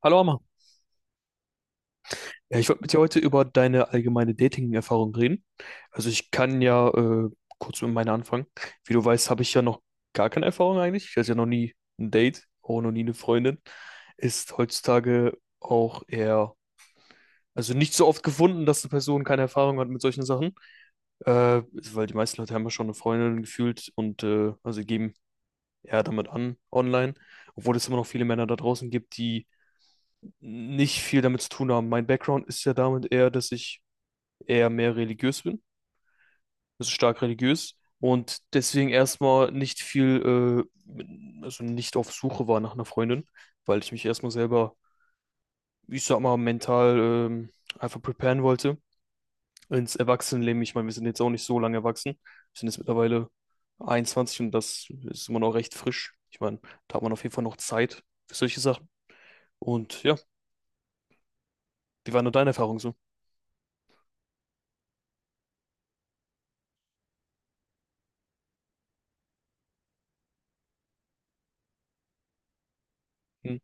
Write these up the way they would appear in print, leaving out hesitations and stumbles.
Hallo Amma. Ja, ich wollte mit dir heute über deine allgemeine Dating-Erfahrung reden. Also ich kann ja kurz mit meiner anfangen. Wie du weißt, habe ich ja noch gar keine Erfahrung eigentlich. Ich hatte ja noch nie ein Date, auch noch nie eine Freundin. Ist heutzutage auch eher, also nicht so oft gefunden, dass eine Person keine Erfahrung hat mit solchen Sachen. Äh, Weil die meisten Leute haben ja schon eine Freundin gefühlt und also geben eher damit an online. Obwohl es immer noch viele Männer da draußen gibt, die nicht viel damit zu tun haben. Mein Background ist ja damit eher, dass ich eher mehr religiös bin, also stark religiös und deswegen erstmal nicht viel, äh, also nicht auf Suche war nach einer Freundin, weil ich mich erstmal selber, ich sag mal, mental ähm, einfach preparen wollte ins Erwachsenenleben. Ich meine, wir sind jetzt auch nicht so lange erwachsen. Wir sind jetzt mittlerweile 21 und das ist immer noch recht frisch. Ich meine, da hat man auf jeden Fall noch Zeit für solche Sachen. Und ja, wie war nur deine Erfahrung so? Hm,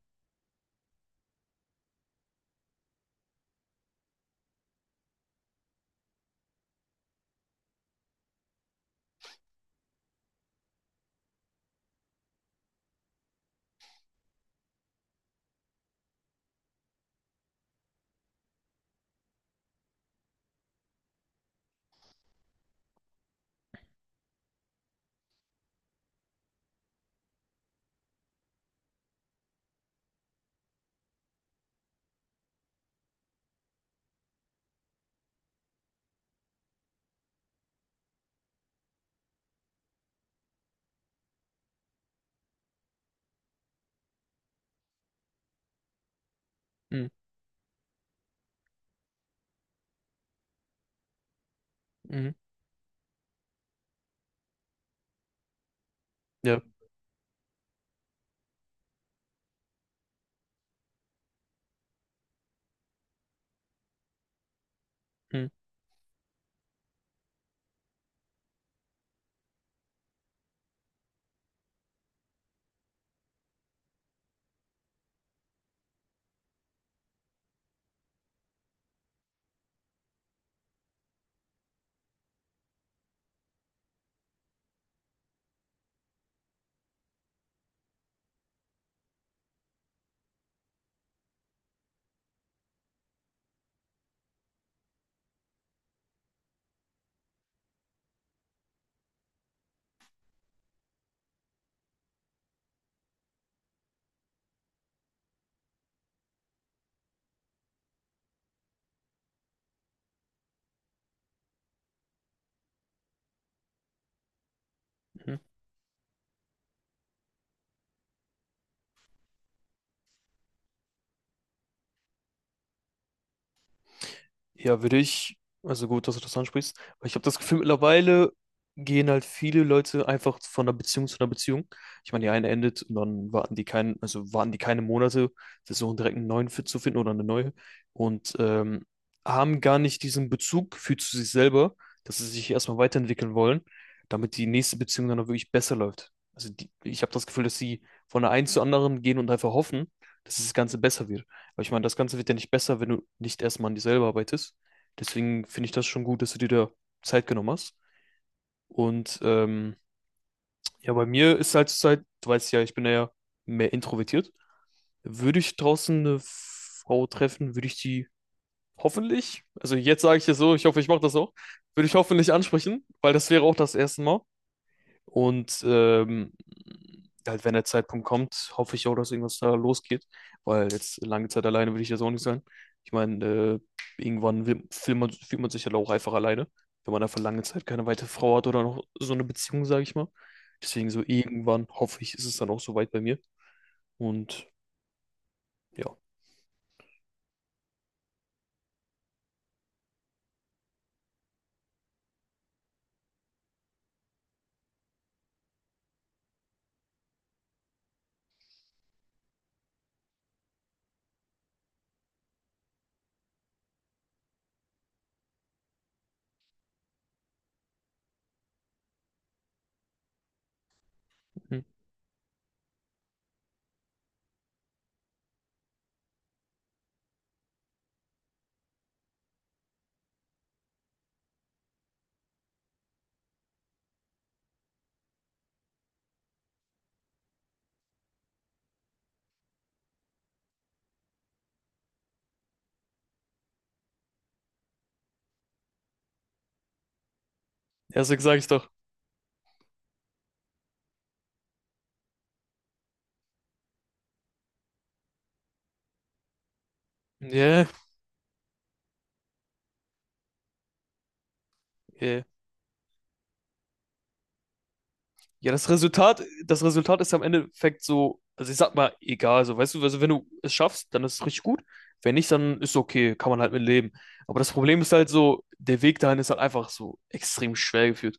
hm, mhm. Ja. Hm, hm. Ja, würde ich, also gut, dass du das ansprichst, weil ich habe das Gefühl, mittlerweile gehen halt viele Leute einfach von einer Beziehung zu einer Beziehung. Ich meine, die eine endet und dann warten die keinen, also warten die keine Monate, versuchen direkt einen neuen Fit zu finden oder eine neue und haben gar nicht diesen Bezug für zu sich selber, dass sie sich erstmal weiterentwickeln wollen, damit die nächste Beziehung dann auch wirklich besser läuft. Also die, ich habe das Gefühl, dass sie von der einen zur anderen gehen und einfach hoffen, dass das Ganze besser wird. Weil ich meine, das Ganze wird ja nicht besser, wenn du nicht erstmal an dir selber arbeitest. Deswegen finde ich das schon gut, dass du dir da Zeit genommen hast. Und ja, bei mir ist halt zur Zeit, du weißt ja, ich bin ja mehr introvertiert. Würde ich draußen eine Frau treffen, würde ich die hoffentlich, also jetzt sage ich es so, ich hoffe, ich mache das auch, würde ich hoffentlich ansprechen, weil das wäre auch das erste Mal. Und halt, wenn der Zeitpunkt kommt, hoffe ich auch, dass irgendwas da losgeht, weil jetzt lange Zeit alleine will ich jetzt auch nicht sein. Ich meine, irgendwann will, fühlt man sich halt auch einfach alleine, wenn man einfach lange Zeit keine weitere Frau hat oder noch so eine Beziehung, sage ich mal. Deswegen so irgendwann hoffe ich, ist es dann auch soweit bei mir. Und ja, hm. Erstens sage ich doch, yeah, yeah. Ja, das Resultat ist am Endeffekt so, also ich sag mal, egal, so, weißt du, also wenn du es schaffst, dann ist es richtig gut. Wenn nicht, dann ist okay, kann man halt mit leben. Aber das Problem ist halt so, der Weg dahin ist halt einfach so extrem schwer geführt.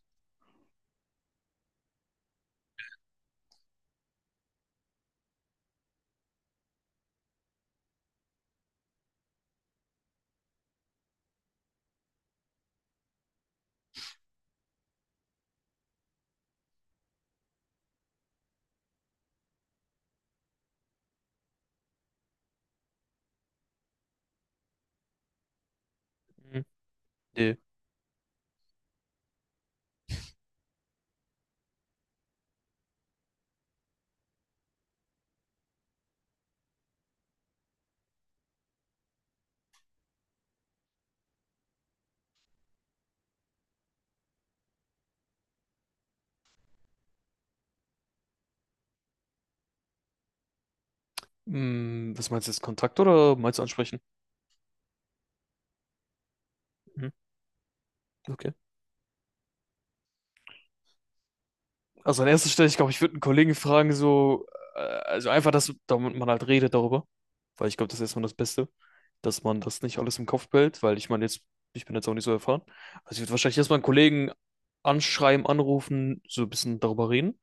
Mhm. Nee. Hm, was meinst du jetzt, Kontakt oder meinst du ansprechen? Mhm. Okay. Also an erster Stelle, ich glaube, ich würde einen Kollegen fragen, so, also einfach, dass damit man halt redet darüber. Weil ich glaube, das ist erstmal das Beste, dass man das nicht alles im Kopf behält, weil ich meine, jetzt, ich bin jetzt auch nicht so erfahren. Also ich würde wahrscheinlich erstmal einen Kollegen anschreiben, anrufen, so ein bisschen darüber reden.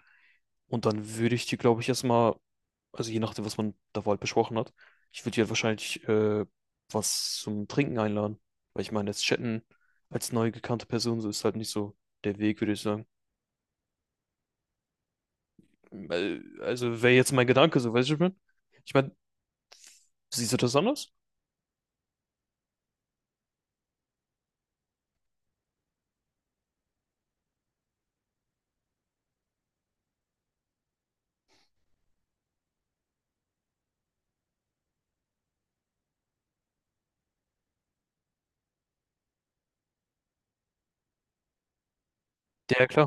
Und dann würde ich die, glaube ich, erstmal, also je nachdem, was man da halt besprochen hat, ich würde die halt wahrscheinlich was zum Trinken einladen. Weil ich meine, jetzt chatten als neu gekannte Person, so ist halt nicht so der Weg, würde ich sagen. Weil- Also wäre jetzt mein Gedanke, so weißt du, was ich meine? Ich meine, siehst du das anders? Ja, klar.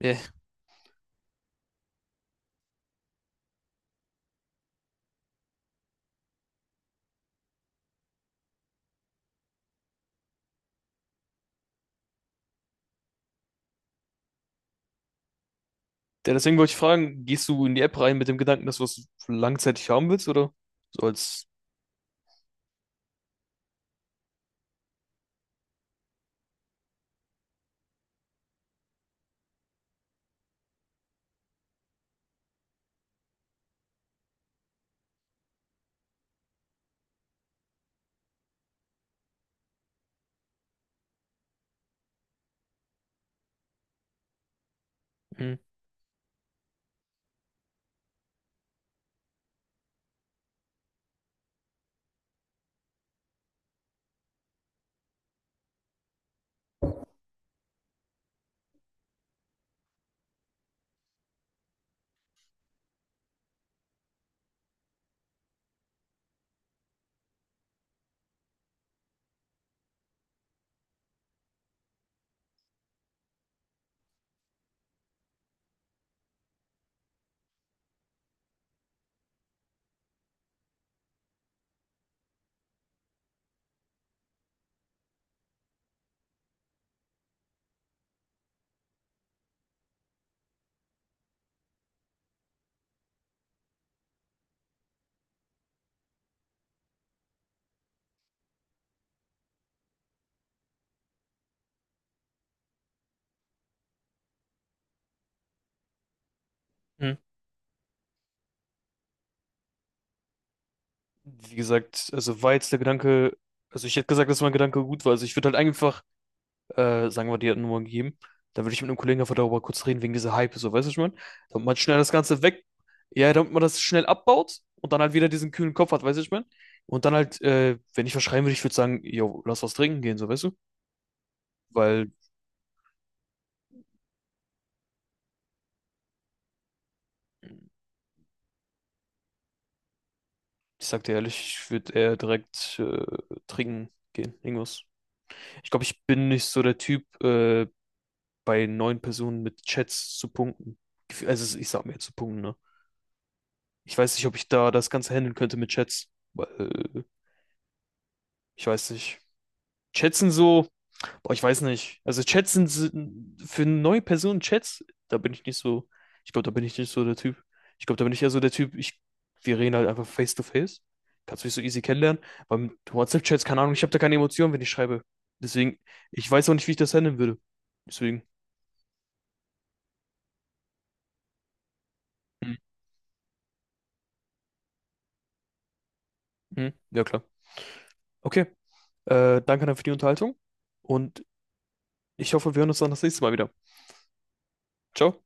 Ja. Ja, deswegen wollte ich fragen, gehst du in die App rein mit dem Gedanken, dass du was langzeitig haben willst, oder? So als, hm, hm. Wie gesagt, also war jetzt der Gedanke, also ich hätte gesagt, dass mein Gedanke gut war. Also ich würde halt einfach sagen wir, die hat eine Nummer gegeben, dann würde ich mit einem Kollegen einfach darüber kurz reden, wegen dieser Hype, so, weißt du, was ich meine? Damit man schnell das Ganze weg, ja, damit man das schnell abbaut und dann halt wieder diesen kühlen Kopf hat, weißt du, was ich meine? Und dann halt, wenn ich was schreiben würde, ich würde sagen, yo, lass was trinken gehen, so, weißt du? Weil, ich sag dir ehrlich, ich würde eher direkt trinken gehen, irgendwas. Ich glaube, ich bin nicht so der Typ, bei neuen Personen mit Chats zu punkten. Gef- Also, ich sag mir zu punkten, ne? Ich weiß nicht, ob ich da das Ganze handeln könnte mit Chats, weil, äh, ich weiß nicht. Chats sind so, boah, ich weiß nicht. Also Chats sind, sind für neue Personen Chats, da bin ich nicht so, ich glaube, da bin ich nicht so der Typ. Ich glaube, da bin ich eher so der Typ, ich, wir reden halt einfach face to face. Kannst mich so easy kennenlernen. Beim WhatsApp-Chats, keine Ahnung, ich habe da keine Emotionen, wenn ich schreibe. Deswegen, ich weiß auch nicht, wie ich das handeln würde. Deswegen, hm, hm, ja klar. Okay, danke dann für die Unterhaltung und ich hoffe, wir hören uns dann das nächste Mal wieder. Ciao.